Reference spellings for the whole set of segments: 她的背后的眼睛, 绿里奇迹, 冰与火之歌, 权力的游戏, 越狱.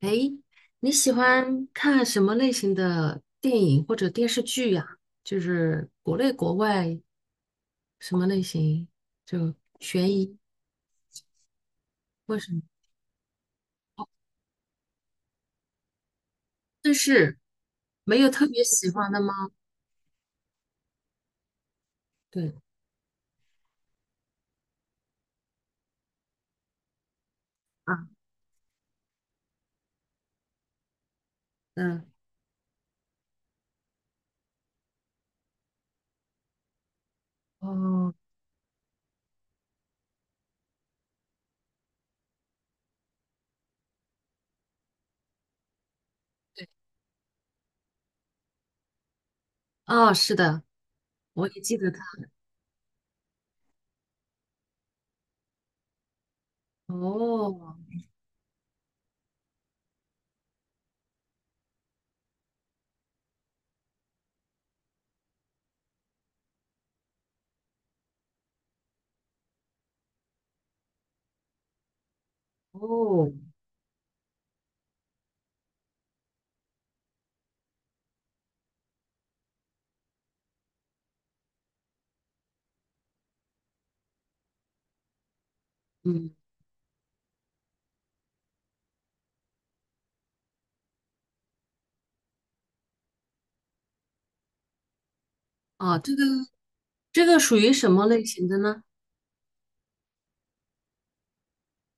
诶，你喜欢看什么类型的电影或者电视剧呀？就是国内国外什么类型？就悬疑，为什么？但是没有特别喜欢的吗？对啊，嗯，哦，哦，是的，我也记得他。哦，哦，嗯，啊，这个属于什么类型的呢？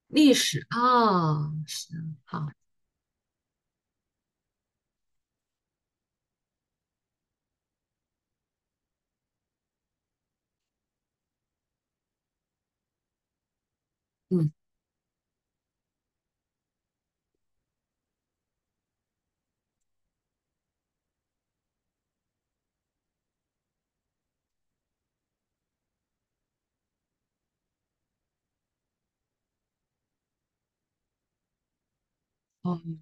历史啊，是好，嗯，哦。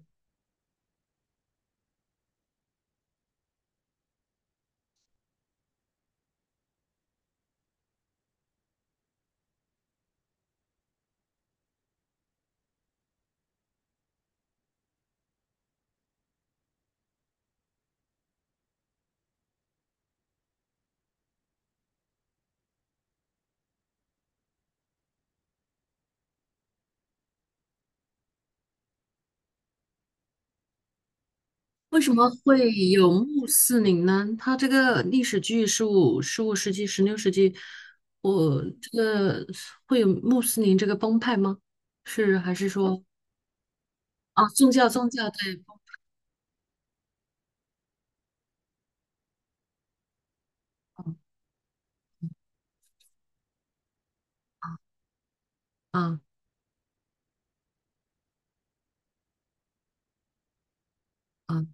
为什么会有穆斯林呢？它这个历史剧十五世纪、十六世纪，我这个会有穆斯林这个帮派吗？是还是说啊，宗教宗教对帮派啊啊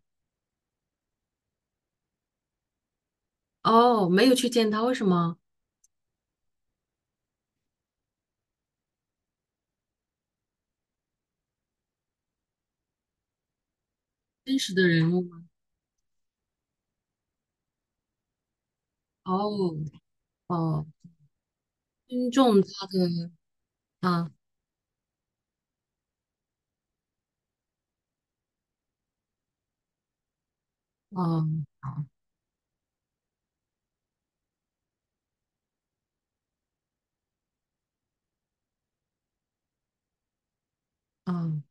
哦，没有去见他，为什么？真实的人物吗？哦哦，尊重他的啊啊啊，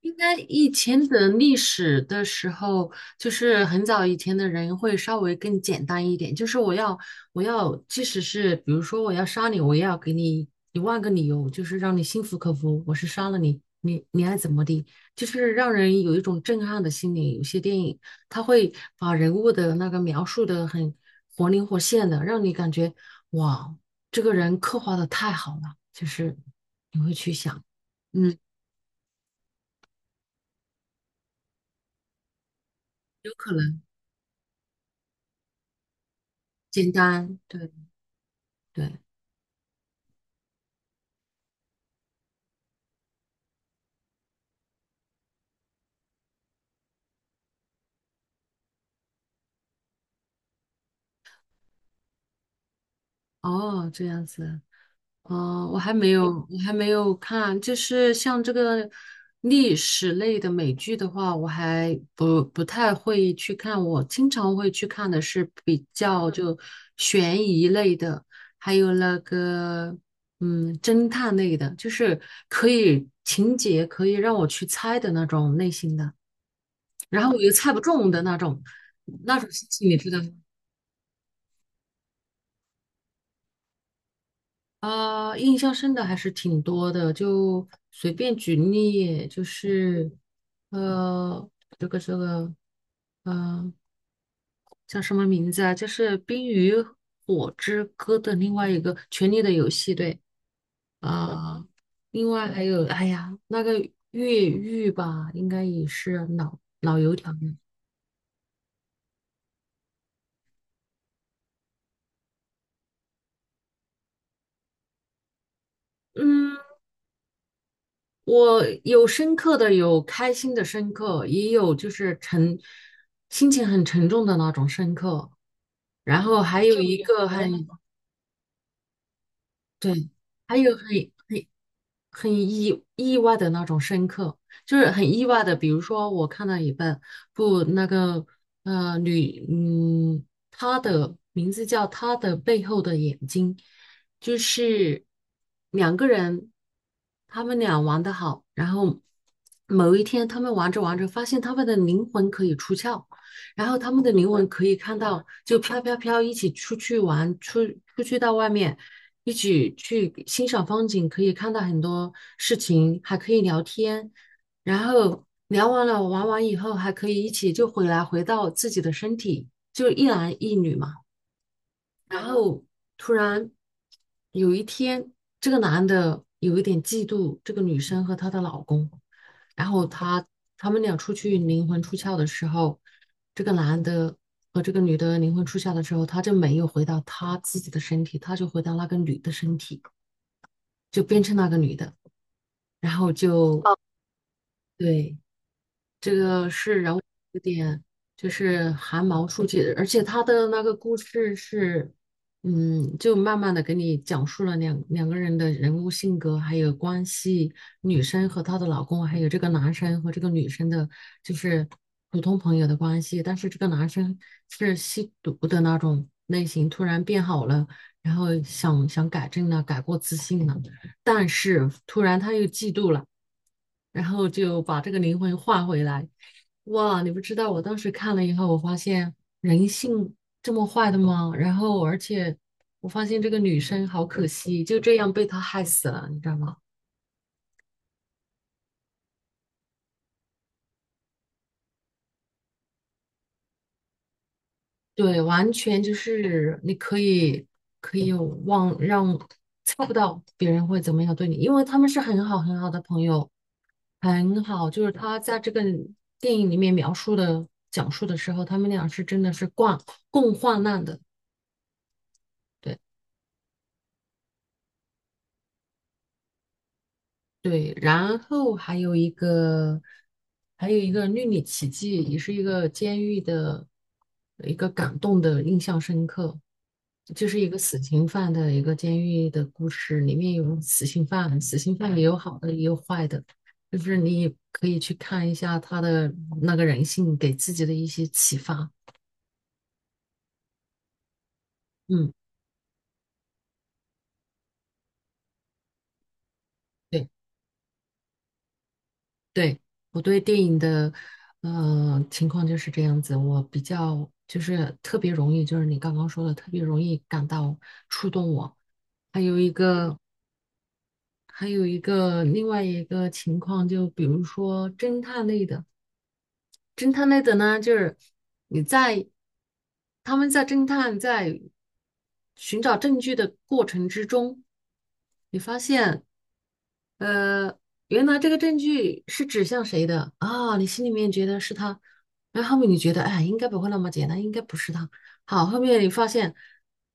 应该以前的历史的时候，就是很早以前的人会稍微更简单一点，就是我要，即使是比如说我要杀你，我也要给你一万个理由，就是让你心服口服，我是杀了你，你爱怎么的，就是让人有一种震撼的心理。有些电影它会把人物的那个描述的很活灵活现的，让你感觉哇，这个人刻画的太好了，就是你会去想，嗯，有可能。简单，对对，哦，这样子，哦，我还没有看，就是像这个历史类的美剧的话，我还不太会去看，我经常会去看的是比较就悬疑类的，还有那个侦探类的，就是可以情节可以让我去猜的那种类型的，然后我又猜不中的那种，那种事情你知道吗？啊，印象深的还是挺多的，就随便举例，就是呃，这个，呃，叫什么名字啊？就是《冰与火之歌》的另外一个《权力的游戏》，对啊，另外还有，哎呀，那个越狱吧，应该也是老油条了，嗯，我有深刻的，有开心的深刻，也有就是沉，心情很沉重的那种深刻。然后还有就一比个如很呢对，还有很很意外的那种深刻，就是很意外的。比如说，我看到一本不那个女，她的名字叫《她的背后的眼睛》，就是两个人，他们俩玩的好，然后某一天他们玩着玩着，发现他们的灵魂可以出窍。然后他们的灵魂可以看到，就飘飘飘一起出去玩，出去到外面，一起去欣赏风景，可以看到很多事情，还可以聊天，然后聊完了玩完以后，还可以一起就回来回到自己的身体，就一男一女嘛。然后突然有一天，这个男的有一点嫉妒这个女生和她的老公，然后他们俩出去灵魂出窍的时候，这个男的和这个女的灵魂出窍的时候，他就没有回到他自己的身体，他就回到那个女的身体，就变成那个女的，然后就哦，对，这个是人物有点就是寒毛竖起，而且他的那个故事是，嗯，就慢慢的给你讲述了两个人的人物性格还有关系，女生和她的老公，还有这个男生和这个女生的，就是普通朋友的关系。但是这个男生是吸毒的那种类型，突然变好了，然后想想改正了，改过自新了，但是突然他又嫉妒了。然后就把这个灵魂换回来。哇，你不知道，我当时看了以后，我发现人性这么坏的吗？然后，而且我发现这个女生好可惜，就这样被他害死了，你知道吗？对，完全就是你可以忘让猜不到别人会怎么样对你，因为他们是很好很好的朋友，很好。就是他在这个电影里面描述的讲述的时候，他们俩是真的是共患难的。对。对，然后还有一个，还有一个《绿里奇迹》，也是一个监狱的一个感动的印象深刻，就是一个死刑犯的一个监狱的故事，里面有死刑犯，死刑犯也有好的也有坏的，就是你也可以去看一下他的那个人性给自己的一些启发。嗯，对。对，我对电影的，情况就是这样子。我比较就是特别容易，就是你刚刚说的，特别容易感到触动我。还有一个，还有一个另外一个情况，就比如说侦探类的。侦探类的呢，就是你在他们在侦探在寻找证据的过程之中，你发现，呃，原来这个证据是指向谁的啊？你心里面觉得是他，然后后面你觉得，哎，应该不会那么简单，应该不是他。好，后面你发现，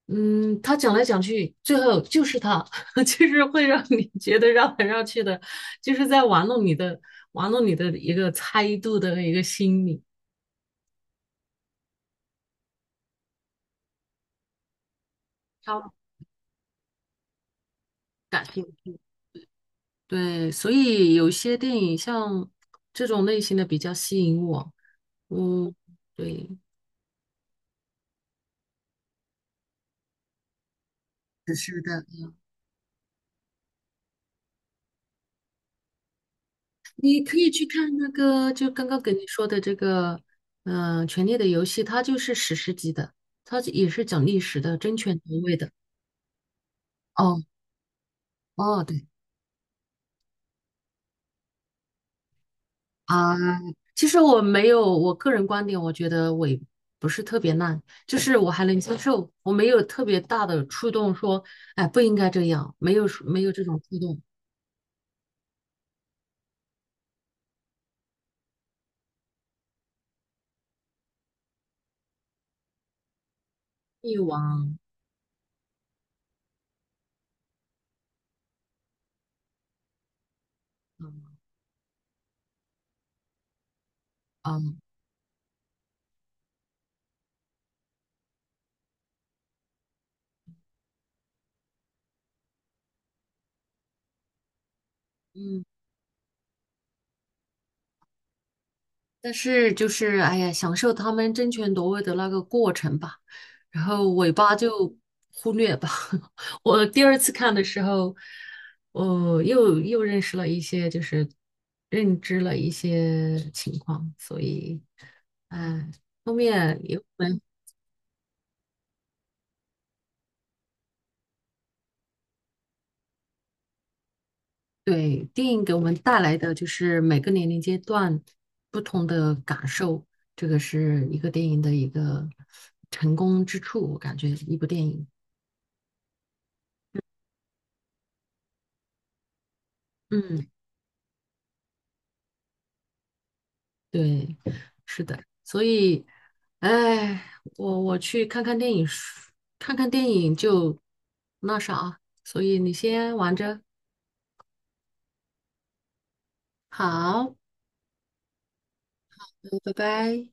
嗯，他讲来讲去，最后就是他，就是会让你觉得绕来绕去的，就是在玩弄你的一个猜度的一个心理，超感兴趣。对，所以有些电影像这种类型的比较吸引我，嗯，对。是的，你可以去看那个，就刚刚给你说的这个，权力的游戏》，它就是史诗级的，它也是讲历史的，争权夺位的。哦哦，对，啊，其实我没有，我个人观点，我觉得我也不是特别烂，就是我还能接受，我没有特别大的触动说，哎，不应该这样，没有没有这种触动，欲望啊，嗯嗯。但是就是哎呀，享受他们争权夺位的那个过程吧，然后尾巴就忽略吧。我第二次看的时候，我又认识了一些，就是认知了一些情况，所以，哎，后面有我们对电影给我们带来的就是每个年龄阶段不同的感受，这个是一个电影的一个成功之处，我感觉一部电影，嗯。对，是的，所以，哎，我去看看电影，看看电影就那啥，所以你先玩着，好，嗯，拜拜。